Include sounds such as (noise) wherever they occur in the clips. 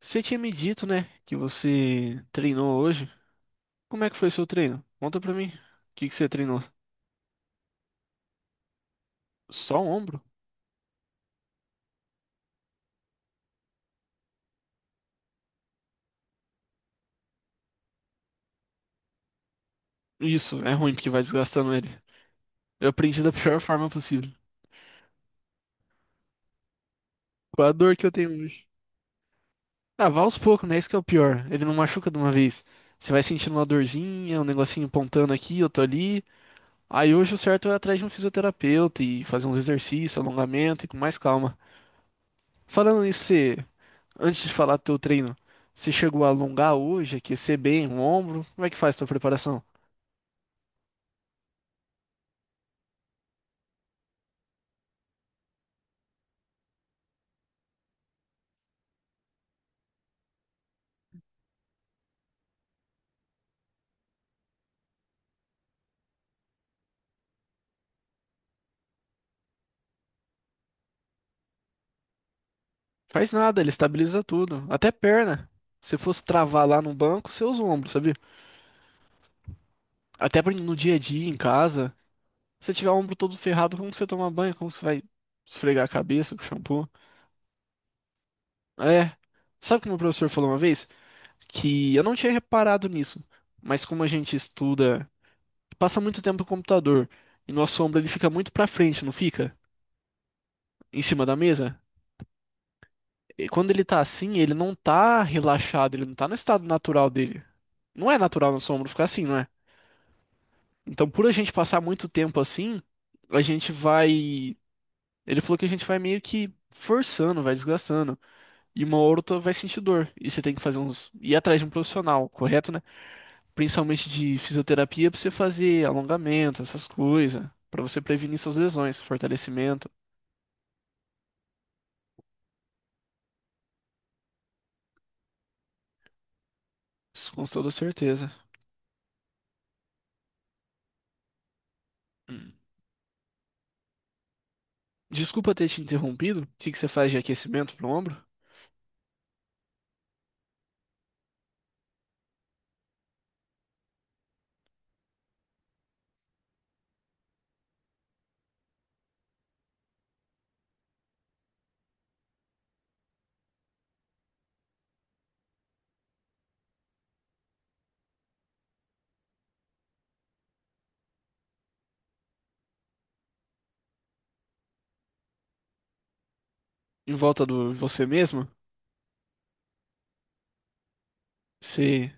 Você tinha me dito, né, que você treinou hoje. Como é que foi seu treino? Conta pra mim. O que que você treinou? Só o ombro? Isso, é ruim porque vai desgastando ele. Eu aprendi da (laughs) pior forma possível. Com a dor que eu tenho hoje. Ah, vá aos poucos, né? Isso que é o pior. Ele não machuca de uma vez. Você vai sentindo uma dorzinha, um negocinho pontando aqui, outro ali. Aí hoje o certo é ir atrás de um fisioterapeuta e fazer uns exercícios, alongamento e com mais calma. Falando nisso, você Antes de falar do teu treino, você chegou a alongar hoje, aquecer bem o ombro? Como é que faz a tua preparação? Faz nada, ele estabiliza tudo, até perna. Se fosse travar lá no banco, você usa o ombro, sabia? Até pra- no dia a dia, em casa. Se você tiver o ombro todo ferrado, como que você toma banho? Como que você vai esfregar a cabeça com shampoo? É. Sabe o que meu professor falou uma vez? Que eu não tinha reparado nisso, mas como a gente estuda, passa muito tempo no computador e nosso ombro ele fica muito pra frente, não fica? Em cima da mesa? E quando ele tá assim, ele não tá relaxado, ele não tá no estado natural dele. Não é natural nosso ombro ficar assim, não é? Então, por a gente passar muito tempo assim, a gente vai. Ele falou que a gente vai meio que forçando, vai desgastando. E uma hora ou outra vai sentir dor. E você tem que fazer uns. Ir atrás de um profissional, correto, né? Principalmente de fisioterapia, pra você fazer alongamento, essas coisas. Pra você prevenir suas lesões, fortalecimento. Isso com toda certeza. Hum. Desculpa ter te interrompido. O que que você faz de aquecimento pro ombro? Em volta do você mesmo, você.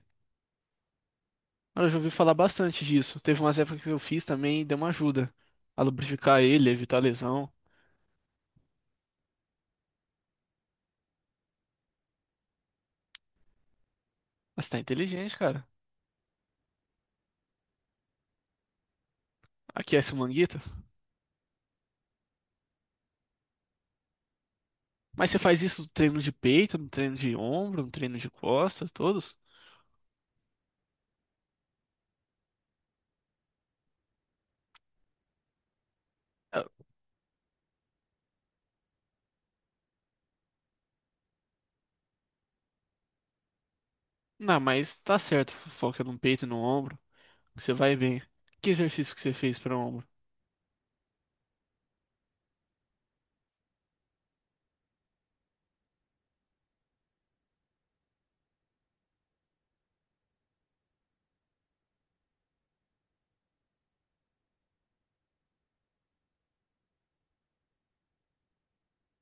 Olha, eu já ouvi falar bastante disso. Teve umas épocas que eu fiz também e deu uma ajuda a lubrificar ele, evitar lesão. Mas tá inteligente, cara. Aquece o manguito. Mas você faz isso no treino de peito, no treino de ombro, no treino de costas, todos? Ah, não, mas tá certo. Foca no peito e no ombro. Que você vai bem. Que exercício que você fez para ombro?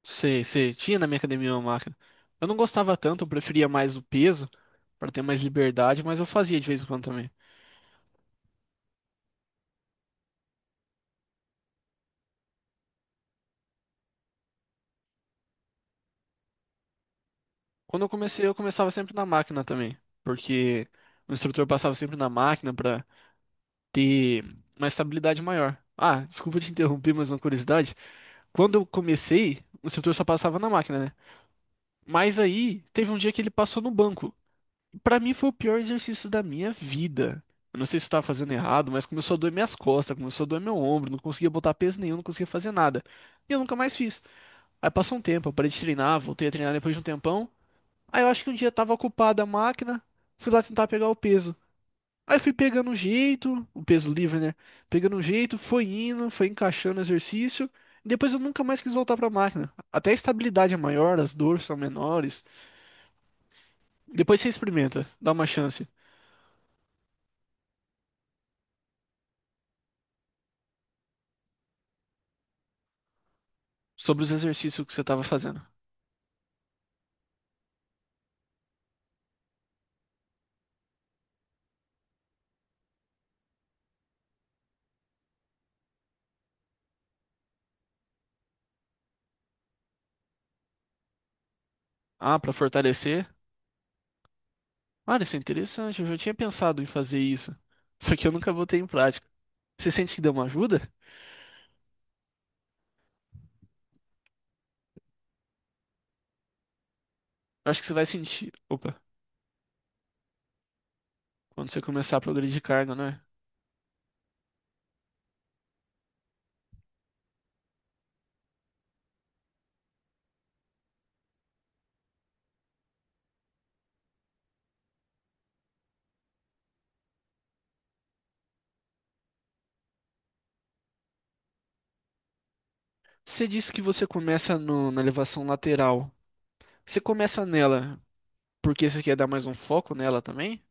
Você tinha na minha academia uma máquina. Eu não gostava tanto, eu preferia mais o peso, para ter mais liberdade, mas eu fazia de vez em quando também. Quando eu comecei, eu começava sempre na máquina também, porque o instrutor passava sempre na máquina pra ter uma estabilidade maior. Ah, desculpa te interromper, mas uma curiosidade. Quando eu comecei, o instrutor só passava na máquina, né? Mas aí teve um dia que ele passou no banco. Pra mim foi o pior exercício da minha vida. Eu não sei se eu tava fazendo errado, mas começou a doer minhas costas, começou a doer meu ombro, não conseguia botar peso nenhum, não conseguia fazer nada. E eu nunca mais fiz. Aí passou um tempo, eu parei de treinar, voltei a treinar depois de um tempão. Aí eu acho que um dia tava ocupada a máquina, fui lá tentar pegar o peso. Aí fui pegando um jeito, o peso livre, né? Pegando um jeito, foi indo, foi encaixando o exercício. E depois eu nunca mais quis voltar pra máquina. Até a estabilidade é maior, as dores são menores. Depois você experimenta, dá uma chance sobre os exercícios que você tava fazendo. Ah, pra fortalecer? Olha, isso é interessante, eu já tinha pensado em fazer isso. Só que eu nunca botei em prática. Você sente que deu uma ajuda? Eu acho que você vai sentir. Opa, quando você começar a progredir de carga, né? Você disse que você começa no- na elevação lateral. Você começa nela porque você quer dar mais um foco nela também?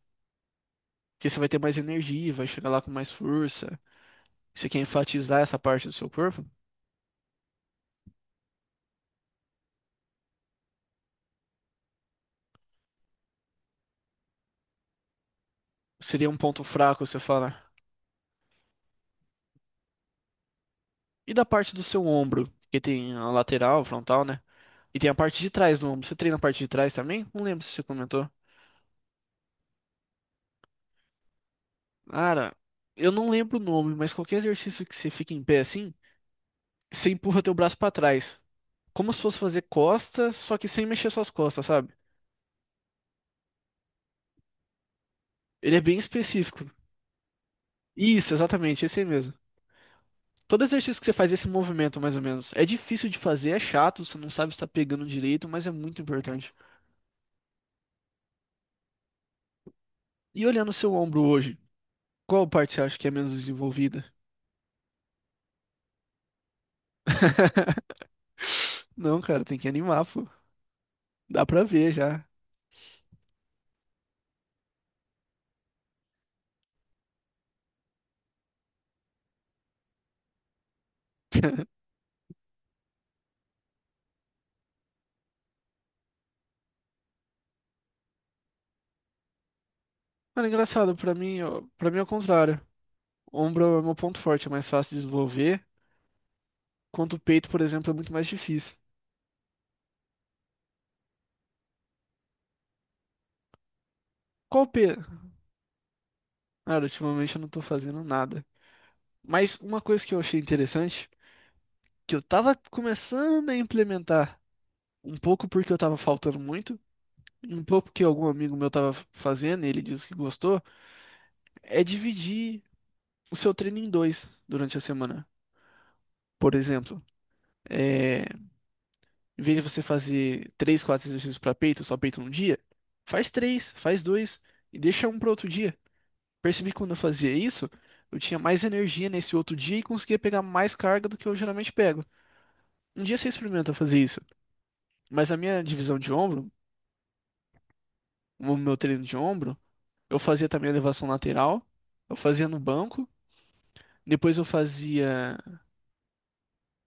Porque você vai ter mais energia, vai chegar lá com mais força. Você quer enfatizar essa parte do seu corpo? Seria um ponto fraco, você fala. E da parte do seu ombro, que tem a lateral, frontal, né? E tem a parte de trás do ombro. Você treina a parte de trás também? Não lembro se você comentou. Cara, eu não lembro o nome, mas qualquer exercício que você fique em pé assim, você empurra teu braço pra trás. Como se fosse fazer costas, só que sem mexer suas costas, sabe? Ele é bem específico. Isso, exatamente, esse aí mesmo. Todo exercício que você faz, esse movimento, mais ou menos, é difícil de fazer, é chato, você não sabe se tá pegando direito, mas é muito importante. E olhando o seu ombro hoje, qual parte você acha que é menos desenvolvida? (laughs) Não, cara, tem que animar, pô. Dá pra ver já. Mano, é engraçado, pra mim, ó, pra mim é o contrário. Ombro é o meu ponto forte, é mais fácil de desenvolver, enquanto o peito, por exemplo, é muito mais difícil. Qual o pe... Cara, ultimamente eu não tô fazendo nada. Mas uma coisa que eu achei interessante que eu tava começando a implementar. Um pouco porque eu tava faltando muito, e um pouco porque algum amigo meu tava fazendo e ele disse que gostou, é dividir o seu treino em dois durante a semana. Por exemplo, é, em vez de você fazer três, quatro exercícios para peito, só peito num dia, faz três, faz dois e deixa um para outro dia. Percebi que quando eu fazia isso, eu tinha mais energia nesse outro dia e conseguia pegar mais carga do que eu geralmente pego. Um dia você experimenta fazer isso, mas a minha divisão de ombro, o meu treino de ombro, eu fazia também a elevação lateral. Eu fazia no banco. Depois eu fazia.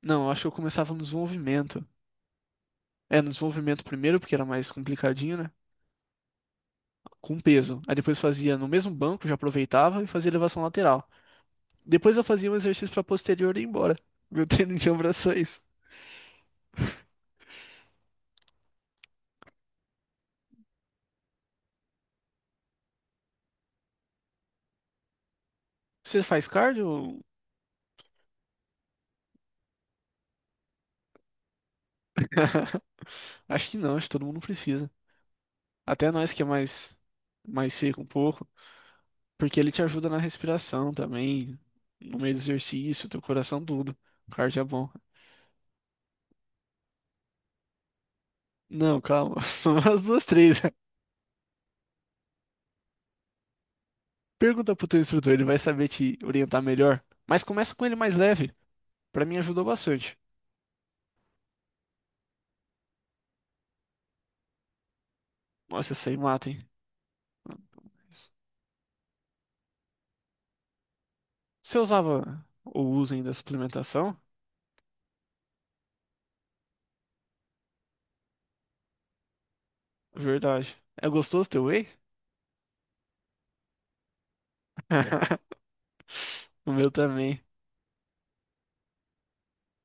Não, eu acho que eu começava no desenvolvimento. É, no desenvolvimento primeiro, porque era mais complicadinho, né? Com peso. Aí depois fazia no mesmo banco, já aproveitava e fazia elevação lateral. Depois eu fazia um exercício pra posterior e ia embora. (laughs) Meu treino de ombro é isso. Você faz cardio? Acho que não, acho que todo mundo precisa. Até nós que é mais, mais seco um pouco. Porque ele te ajuda na respiração também, no meio do exercício, teu coração, tudo. O cardio é bom. Não, calma. (laughs) As duas, três. Pergunta pro teu instrutor, ele vai saber te orientar melhor. Mas começa com ele mais leve. Pra mim ajudou bastante. Nossa, isso aí mata, hein? Você usava ou usa ainda suplementação? Verdade. É gostoso teu whey? (laughs) O meu também.